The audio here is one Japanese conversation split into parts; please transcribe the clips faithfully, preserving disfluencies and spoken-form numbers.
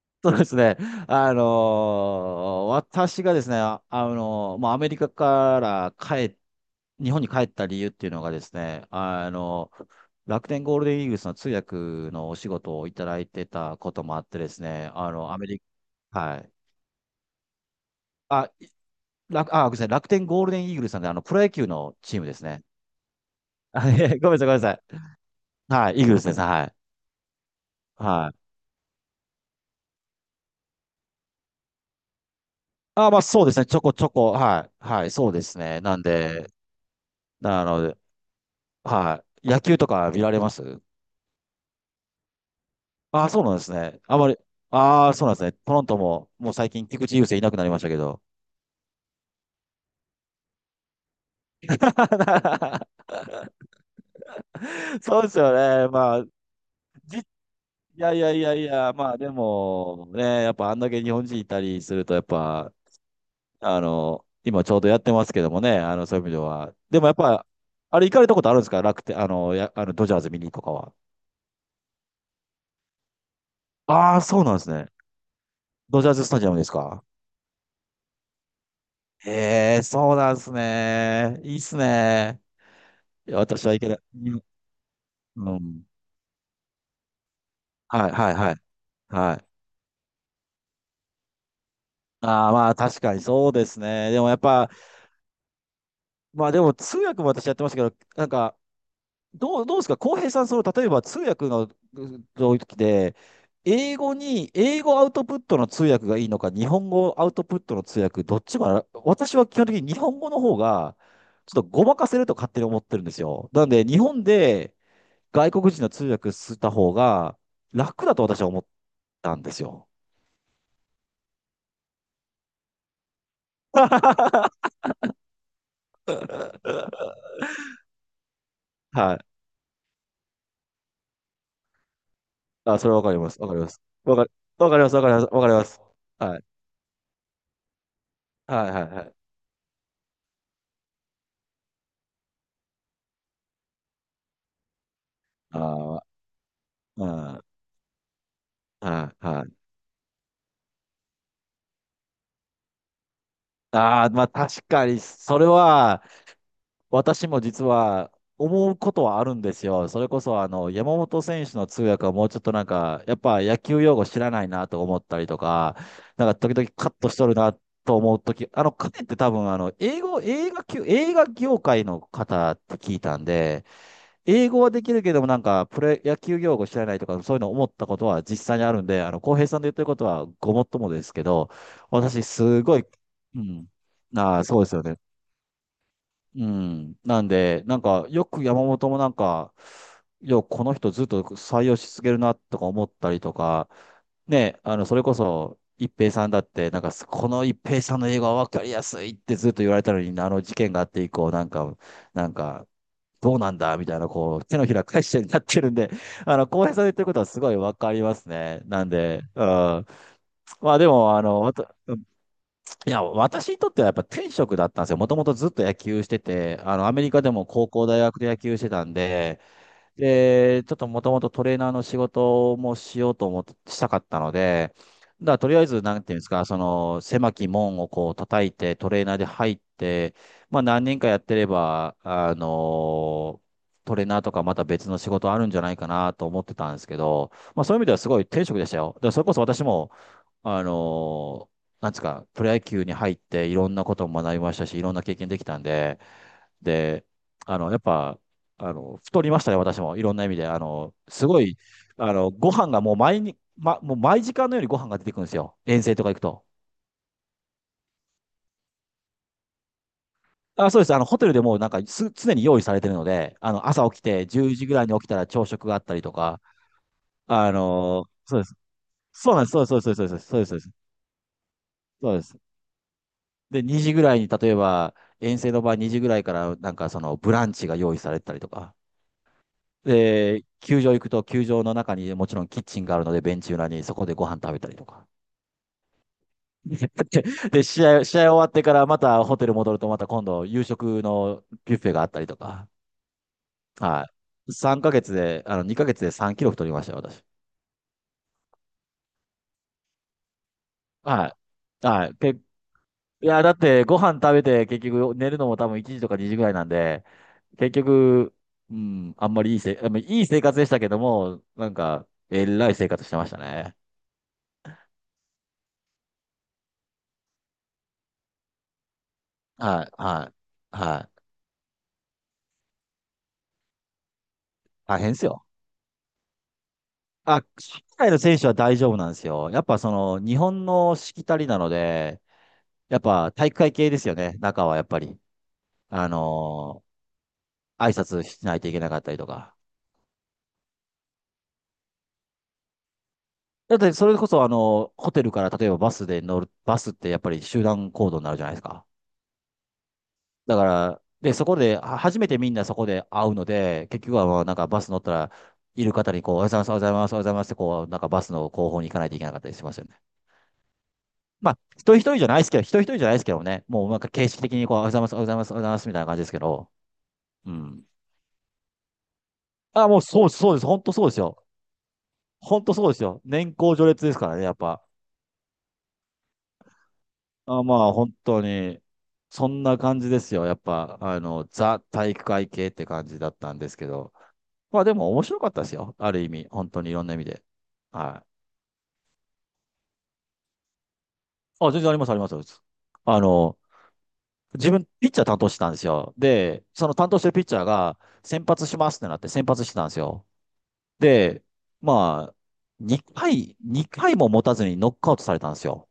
そうですね。あのー私がですね、あ、あのーもうアメリカから帰っ、日本に帰った理由っていうのがですね、あの楽天ゴールデンイーグルスの通訳のお仕事をいただいてたこともあってですね、あの、アメリカ、はい。あ、楽、あ、ごめんなさい、楽天ゴールデンイーグルスなんで、あの、プロ野球のチームですね。あ、いえ、ごめんなさい、ごめんなさい。はい、イーグルスですね、はい。はい。あ、まあそうですね、ちょこちょこ、はい、はい、そうですね。なんで、なので、はい。野球とか見られます？ああ、そうなんですね。あまり、ああ、そうなんですね。トロントも、もう最近菊池雄星いなくなりましたけど。そうですよね。まあ、じ、いやいやいやいや、まあでも、ね、やっぱあんだけ日本人いたりすると、やっぱ、あの、今ちょうどやってますけどもね、あの、そういう意味では。でもやっぱ、あれ行かれたことあるんですか？楽天、あの、や、あの、ドジャーズ見にとかは。ああ、そうなんですね。ドジャーズスタジアムですか？ええ、そうなんですね。いいっすね。いや私はいけない。うん。はい、はい、はい。はい。ああ、まあ確かにそうですね。でもやっぱ、まあでも通訳も私やってましたけど、なんか、どう、どうですか、浩平さん、その、例えば通訳のう時で、英語に、英語アウトプットの通訳がいいのか、日本語アウトプットの通訳、どっちもあら、私は基本的に日本語の方が、ちょっとごまかせると勝手に思ってるんですよ。なので、日本で外国人の通訳した方が楽だと私は思ったんですよ。はい。あ、それはわかります。わかります。わかり、わかります。わかります。わかります。はい。はいはいはい。ああ、うん。はいはい。ああ、まあ確かに、それは、私も実は思うことはあるんですよ。それこそ、あの、山本選手の通訳はもうちょっとなんか、やっぱ野球用語知らないなと思ったりとか、なんか時々カットしとるなと思うとき、あの、彼って多分、あの、英語、映画級、映画業界の方って聞いたんで、英語はできるけども、なんか、プロ野球用語知らないとか、そういうの思ったことは実際にあるんで、あの、浩平さんで言ってることはごもっともですけど、私、すごい、うん。ああ、そうですよね。うん。なんで、なんか、よく山本もなんか、よ、この人ずっと採用し続けるな、とか思ったりとか、ね、あの、それこそ、一平さんだって、なんか、この一平さんの英語は分かりやすいってずっと言われたのに、あの事件があって以降、なんか、なんか、どうなんだみたいな、こう、手のひら返しになってるんで、あの、浩平さんの言ってることはすごいわかりますね。なんで、うん。まあでも、あの、わた、いや、私にとってはやっぱ天職だったんですよ。もともとずっと野球してて、あの、アメリカでも高校、大学で野球してたんで、で、ちょっともともとトレーナーの仕事もしようと思って、したかったので、だからとりあえず、なんていうんですか、その、狭き門をこう叩いて、トレーナーで入って、まあ何年かやってれば、あのトレーナーとかまた別の仕事あるんじゃないかなと思ってたんですけど、まあそういう意味ではすごい天職でしたよ。だからそれこそ私も、あのなんですか、プロ野球に入っていろんなことも学びましたし、いろんな経験できたんで、で、あの、やっぱ、あの、太りましたね、私も。いろんな意味で。あの、すごい、あの、ご飯がもう毎に、ま、もう毎時間のようにご飯が出てくるんですよ。遠征とか行くと。あ、そうです。あの、ホテルでもうなんかす、常に用意されてるので、あの、朝起きて、じゅうじぐらいに起きたら朝食があったりとか、あの、そうです。そうなんです。そうです。そうです。そうです。そうです。そうです。そうですで、にじぐらいに、例えば、遠征の場合にじぐらいから、なんかその、ブランチが用意されてたりとか。で、球場行くと、球場の中にもちろんキッチンがあるので、ベンチ裏にそこでご飯食べたりとか。で、試合、試合終わってからまたホテル戻るとまた今度夕食のビュッフェがあったりとか。はい。3ヶ月で、あの、にかげつでさんキロ太りましたよ、私。はい。はい。け、いや、だってご飯食べて結局寝るのも多分いちじとかにじぐらいなんで、結局、うん、あんまりいいせ、あんまりいい生活でしたけども、なんか、えらい生活してましたね。はい、はい、はい。大変ですよ。あ、海外の選手は大丈夫なんですよ。やっぱその、日本のしきたりなので、やっぱ体育会系ですよね、中はやっぱり。あのー挨拶しないといけなかったりとか。だってそれこそあの、ホテルから例えばバスで乗る、バスってやっぱり集団行動になるじゃないですか。だから、で、そこで、は初めてみんなそこで会うので、結局はまあなんかバス乗ったら、いる方にこう、おはようございます、おはようございます、おはようございますって、こう、なんかバスの後方に行かないといけなかったりしますよね。まあ、一人一人じゃないですけど、一人一人じゃないですけどね、もうなんか形式的にこう、おはようございます、おはようございます、おはようございますみたいな感じですけど、うん。あ、もうそうです、そうです、本当そうですよ。本当そうですよ。年功序列ですからね、やっぱ。あ、まあ、本当に、そんな感じですよ。やっぱ、あの、ザ体育会系って感じだったんですけど。まあ、でも面白かったですよ。ある意味、本当にいろんな意味で。はい。あ、全然あります、あります。あの、自分、ピッチャー担当してたんですよ。で、その担当してるピッチャーが、先発しますってなって、先発してたんですよ。で、まあ、にかい、にかいも持たずにノックアウトされたんですよ。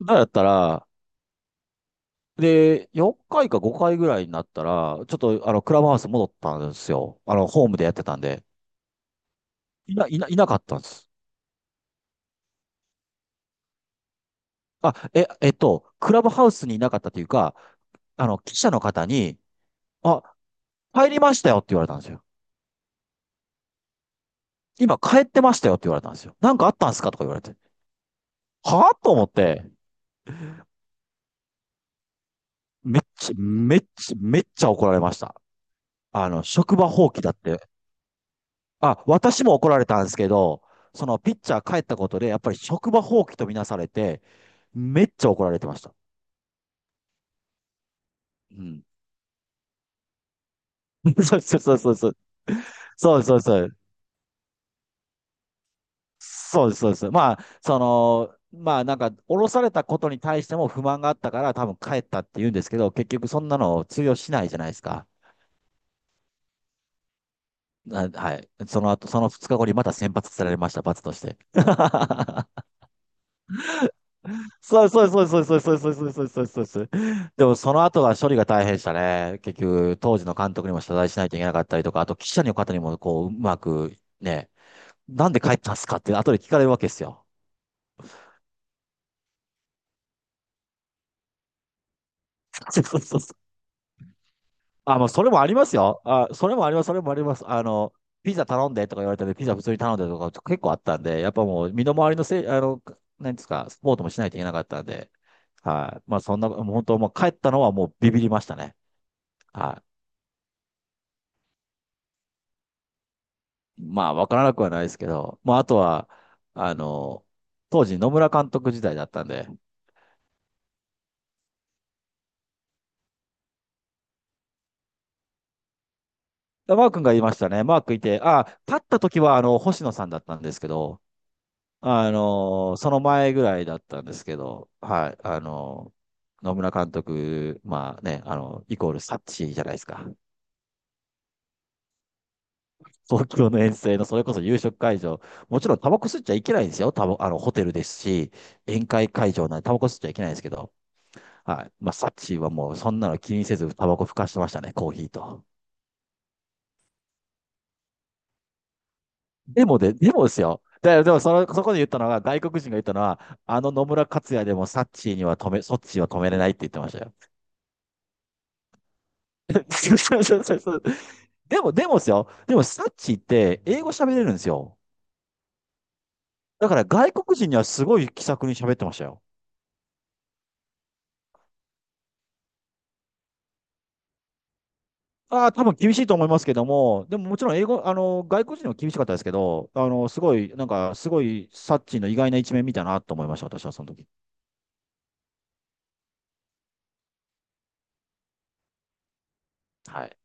だからだったら、で、よんかいかごかいぐらいになったら、ちょっと、あの、クラブハウス戻ったんですよ。あの、ホームでやってたんで。いな、いな、いなかったんです。あ、え、えっと、クラブハウスにいなかったというか、あの、記者の方に、あ、帰りましたよって言われたんですよ。今帰ってましたよって言われたんですよ。なんかあったんですかとか言われて。はぁと思って、めっちゃ、めっちゃ、めっちゃ怒られました。あの、職場放棄だって、あ、私も怒られたんですけど、そのピッチャー帰ったことで、やっぱり職場放棄とみなされて、めっちゃ怒られてました。うん。そうそうそうそうそう。そうそうそう。そうです、そうです。まあ、その、まあなんか、降ろされたことに対しても不満があったから、多分帰ったって言うんですけど、結局そんなの通用しないじゃないですか。なはい。その後、そのふつかごにまた先発されました、罰として。そうそうそうそうそうそうそうそうそうそうそう。でもその後が処理が大変でしたね。結局、当時の監督にも謝罪しないといけなかったりとか、あと記者の方にもこう、うまくね、なんで帰ったんすかって後で聞かれるわけですよ。そうそうそうそう。あ、もうそれもありますよ。あ、それもあります、それもあります。あの、ピザ頼んでとか言われたんで、ピザ普通に頼んでとか結構あったんで、やっぱもう身の回りのせい、あの、なんですか、スポーツもしないといけなかったんで、はい。まあそんな、もう本当もう帰ったのはもうビビりましたね。はい。まあ、わからなくはないですけど、まあ、あとは、あの、当時野村監督時代だったんで、マー君が言いましたね。マー君いて、あ、立った時は、あの、星野さんだったんですけど、あの、その前ぐらいだったんですけど、はい、あの、野村監督、まあね、あの、イコールサッチじゃないですか。東京の遠征の、それこそ夕食会場、もちろんタバコ吸っちゃいけないんですよ。タバ、あの、ホテルですし、宴会会場なんでタバコ吸っちゃいけないんですけど、はい。まあ、サチはもうそんなの気にせずタバコふかしてましたね、コーヒーと。でもで、でもですよ。で、でもその、そこで言ったのが、外国人が言ったのは、あの野村克也でもサッチーには止め、そっちは止めれないって言ってましたよ。そうそうそうそう。でも、でもですよ。でもサッチーって英語喋れるんですよ。だから外国人にはすごい気さくに喋ってましたよ。ああ、多分厳しいと思いますけども、でももちろん英語、あの、外国人は厳しかったですけど、あの、すごい、なんか、すごい、サッチーの意外な一面見たなと思いました、私はその時。はい。